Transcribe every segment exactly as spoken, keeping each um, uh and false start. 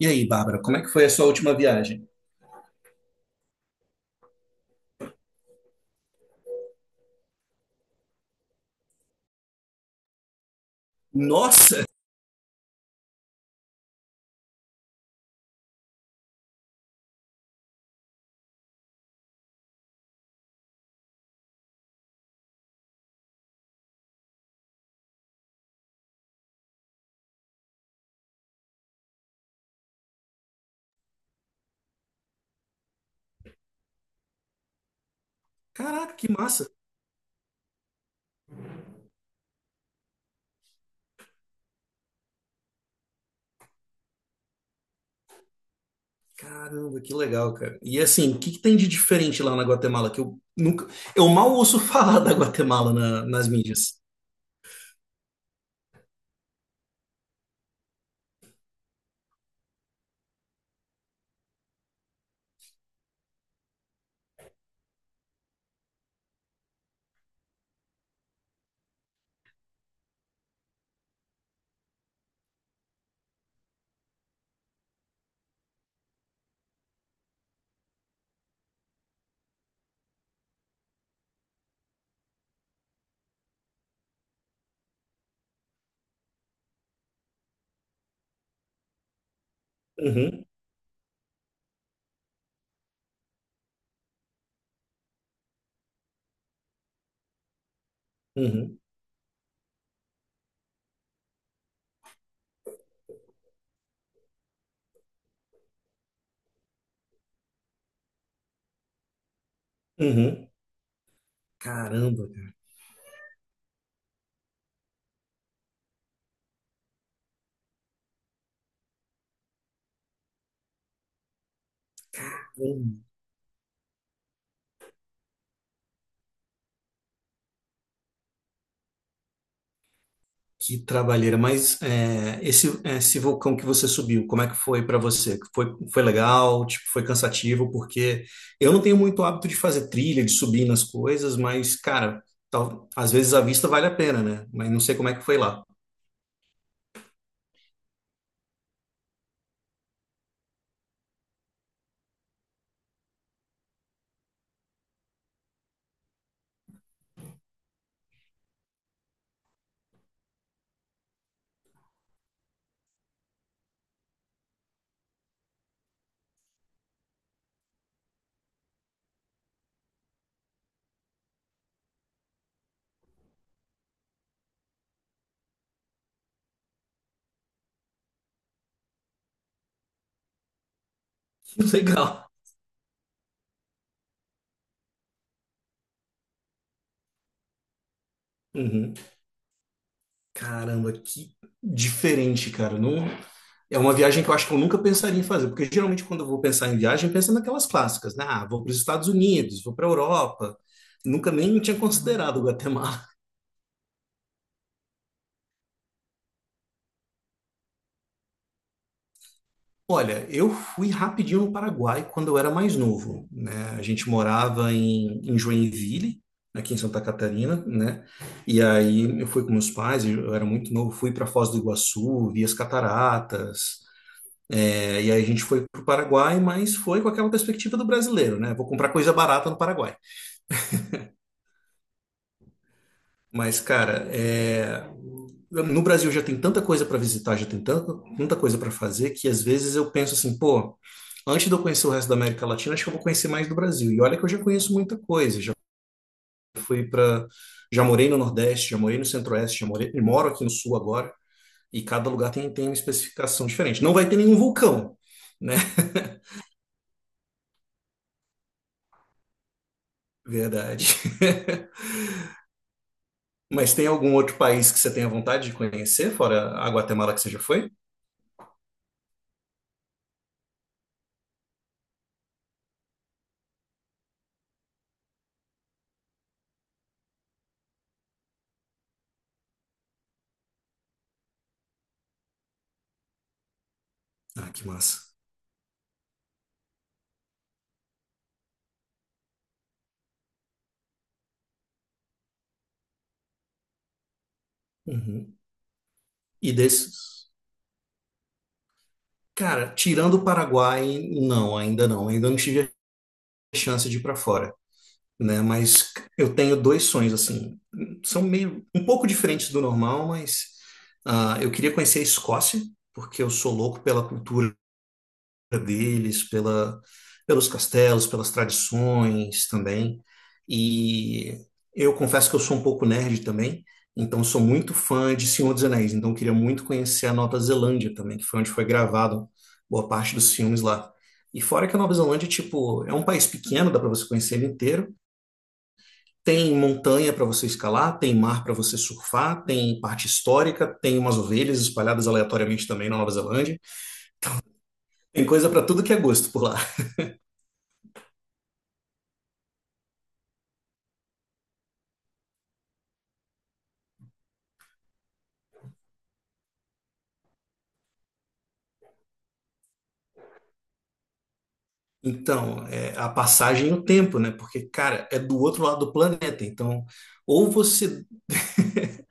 E aí, Bárbara, como é que foi a sua última viagem? Nossa! Caraca, que massa! Caramba, que legal, cara. E assim, o que que tem de diferente lá na Guatemala que eu nunca, eu mal ouço falar da Guatemala na- nas mídias. Uhum, uhum, uhum. Caramba, cara. Caramba. Que trabalheira, mas é, esse, esse vulcão que você subiu, como é que foi para você? Foi, foi legal? Tipo, foi cansativo? Porque eu não tenho muito hábito de fazer trilha, de subir nas coisas, mas, cara, tal, às vezes a vista vale a pena, né? Mas não sei como é que foi lá. Legal. Uhum. Caramba, que diferente, cara. Não... É uma viagem que eu acho que eu nunca pensaria em fazer, porque geralmente quando eu vou pensar em viagem, eu penso naquelas clássicas, né? Ah, vou para os Estados Unidos, vou para a Europa. Nunca nem tinha considerado o Guatemala. Olha, eu fui rapidinho no Paraguai quando eu era mais novo, né? A gente morava em, em Joinville, aqui em Santa Catarina, né? E aí eu fui com meus pais, eu era muito novo, fui para Foz do Iguaçu, vi as cataratas, é, e aí a gente foi para o Paraguai, mas foi com aquela perspectiva do brasileiro, né? Vou comprar coisa barata no Paraguai. Mas, cara, é, no Brasil já tem tanta coisa para visitar, já tem tanta, tanta coisa para fazer, que às vezes eu penso assim, pô, antes de eu conhecer o resto da América Latina, acho que eu vou conhecer mais do Brasil. E olha que eu já conheço muita coisa, já fui para, já morei no Nordeste, já morei no Centro-Oeste, já morei, moro aqui no Sul agora, e cada lugar tem, tem uma especificação diferente. Não vai ter nenhum vulcão, né? Verdade. Mas tem algum outro país que você tenha vontade de conhecer, fora a Guatemala que você já foi? Ah, que massa. Uhum. E desses? Cara, tirando o Paraguai, não, ainda não. Ainda não tive a chance de ir para fora. Né? Mas eu tenho dois sonhos assim, são meio um pouco diferentes do normal, mas ah, eu queria conhecer a Escócia, porque eu sou louco pela cultura deles, pela pelos castelos, pelas tradições também. E eu confesso que eu sou um pouco nerd também, então sou muito fã de Senhor dos Anéis, então eu queria muito conhecer a Nova Zelândia também, que foi onde foi gravado boa parte dos filmes lá. E fora que a Nova Zelândia, tipo, é um país pequeno, dá para você conhecer ele inteiro, tem montanha para você escalar, tem mar para você surfar, tem parte histórica, tem umas ovelhas espalhadas aleatoriamente também na Nova Zelândia. Tem coisa para tudo que é gosto por lá. Então, é a passagem e o tempo, né? Porque, cara, é do outro lado do planeta. Então, ou você.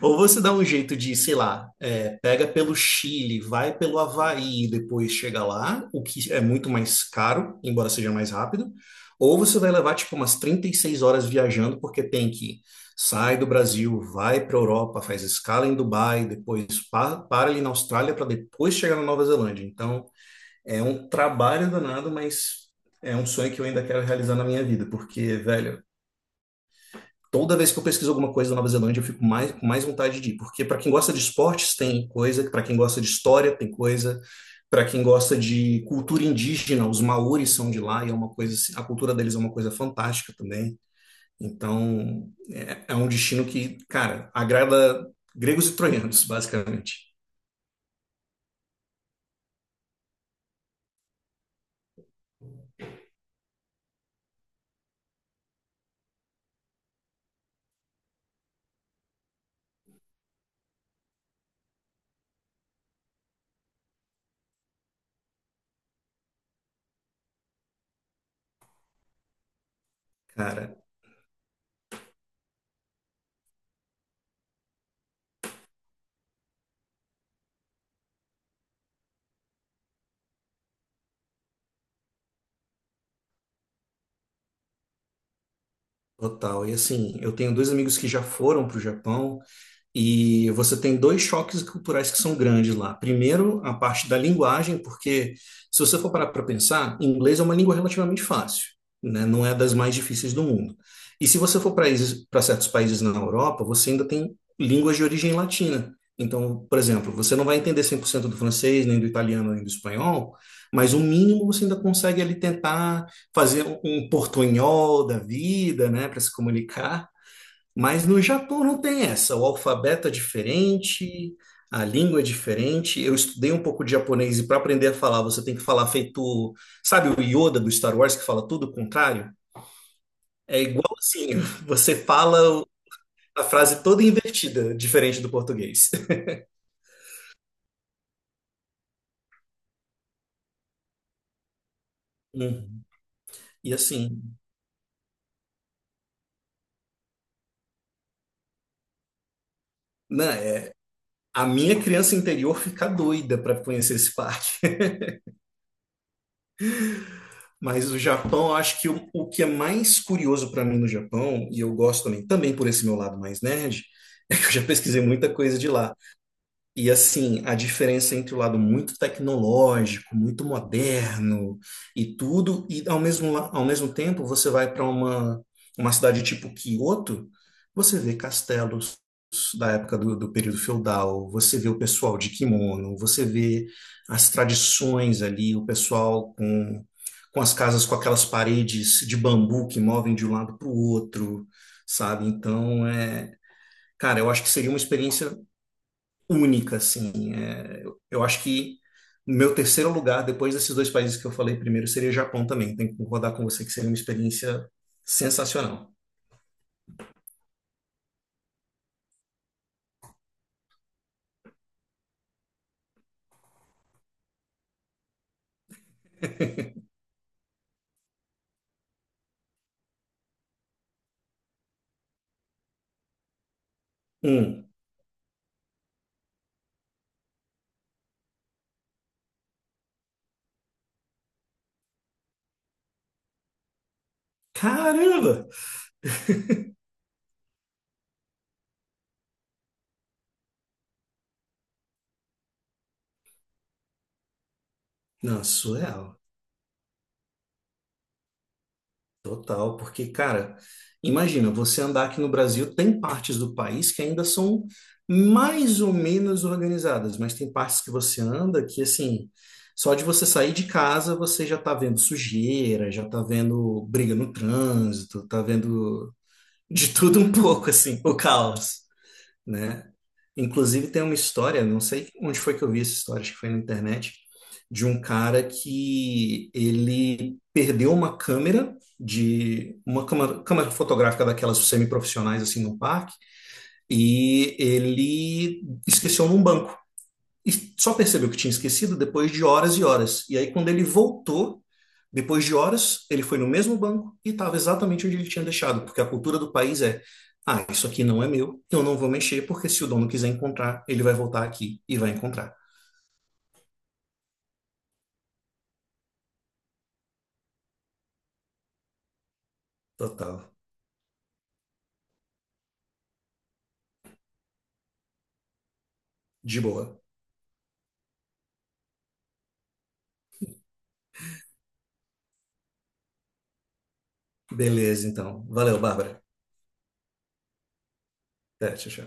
Ou você dá um jeito de, sei lá, é, pega pelo Chile, vai pelo Havaí e depois chega lá, o que é muito mais caro, embora seja mais rápido. Ou você vai levar, tipo, umas trinta e seis horas viajando, porque tem que sai do Brasil, vai para a Europa, faz escala em Dubai, depois pa- para ali na Austrália para depois chegar na Nova Zelândia. Então. É um trabalho danado, mas é um sonho que eu ainda quero realizar na minha vida, porque, velho, toda vez que eu pesquiso alguma coisa da Nova Zelândia, eu fico mais, com mais vontade de ir, porque para quem gosta de esportes tem coisa, para quem gosta de história tem coisa, para quem gosta de cultura indígena, os maoris são de lá e é uma coisa, assim, a cultura deles é uma coisa fantástica também. Então, é, é um destino que, cara, agrada gregos e troianos, basicamente. Cara, total. E assim, eu tenho dois amigos que já foram para o Japão. E você tem dois choques culturais que são grandes lá. Primeiro, a parte da linguagem, porque se você for parar para pensar, inglês é uma língua relativamente fácil, né? Não é das mais difíceis do mundo. E se você for para certos países na Europa, você ainda tem línguas de origem latina. Então, por exemplo, você não vai entender cem por cento do francês, nem do italiano, nem do espanhol, mas o mínimo você ainda consegue ali tentar fazer um um portunhol da vida, né, para se comunicar. Mas no Japão não tem essa. O alfabeto é diferente, a língua é diferente. Eu estudei um pouco de japonês e para aprender a falar, você tem que falar feito, sabe, o Yoda do Star Wars que fala tudo o contrário? É igual assim, você fala a frase toda invertida, diferente do português. Uhum. E assim, né, é- a minha criança interior fica doida para conhecer esse parque. Mas o Japão, eu acho que o, o que é mais curioso para mim no Japão, e eu gosto também, também por esse meu lado mais nerd, é que eu já pesquisei muita coisa de lá. E assim, a diferença entre o lado muito tecnológico, muito moderno e tudo, e ao mesmo, la- ao mesmo tempo você vai para uma, uma cidade tipo Kyoto, você vê castelos, da época do, do período feudal, você vê o pessoal de kimono, você vê as tradições ali, o pessoal com, com as casas com aquelas paredes de bambu que movem de um lado para o outro, sabe? Então, é, cara, eu acho que seria uma experiência única, assim. É, eu, eu acho que o meu terceiro lugar, depois desses dois países que eu falei primeiro, seria Japão também. Tenho que concordar com você que seria uma experiência sensacional. Um. Caramba! Não, surreal. Total, porque, cara, imagina, você andar aqui no Brasil, tem partes do país que ainda são mais ou menos organizadas, mas tem partes que você anda que, assim, só de você sair de casa, você já tá vendo sujeira, já tá vendo briga no trânsito, tá vendo de tudo um pouco, assim, o caos, né? Inclusive tem uma história, não sei onde foi que eu vi essa história, acho que foi na internet, de um cara que ele perdeu uma câmera de uma câmera, câmera fotográfica daquelas semiprofissionais assim no parque e ele esqueceu num banco. E só percebeu que tinha esquecido depois de horas e horas. E aí, quando ele voltou, depois de horas, ele foi no mesmo banco e estava exatamente onde ele tinha deixado, porque a cultura do país é: ah, isso aqui não é meu, eu não vou mexer, porque se o dono quiser encontrar, ele vai voltar aqui e vai encontrar. Total. De boa. Beleza, então. Valeu, Bárbara. Até, tchau, tchau.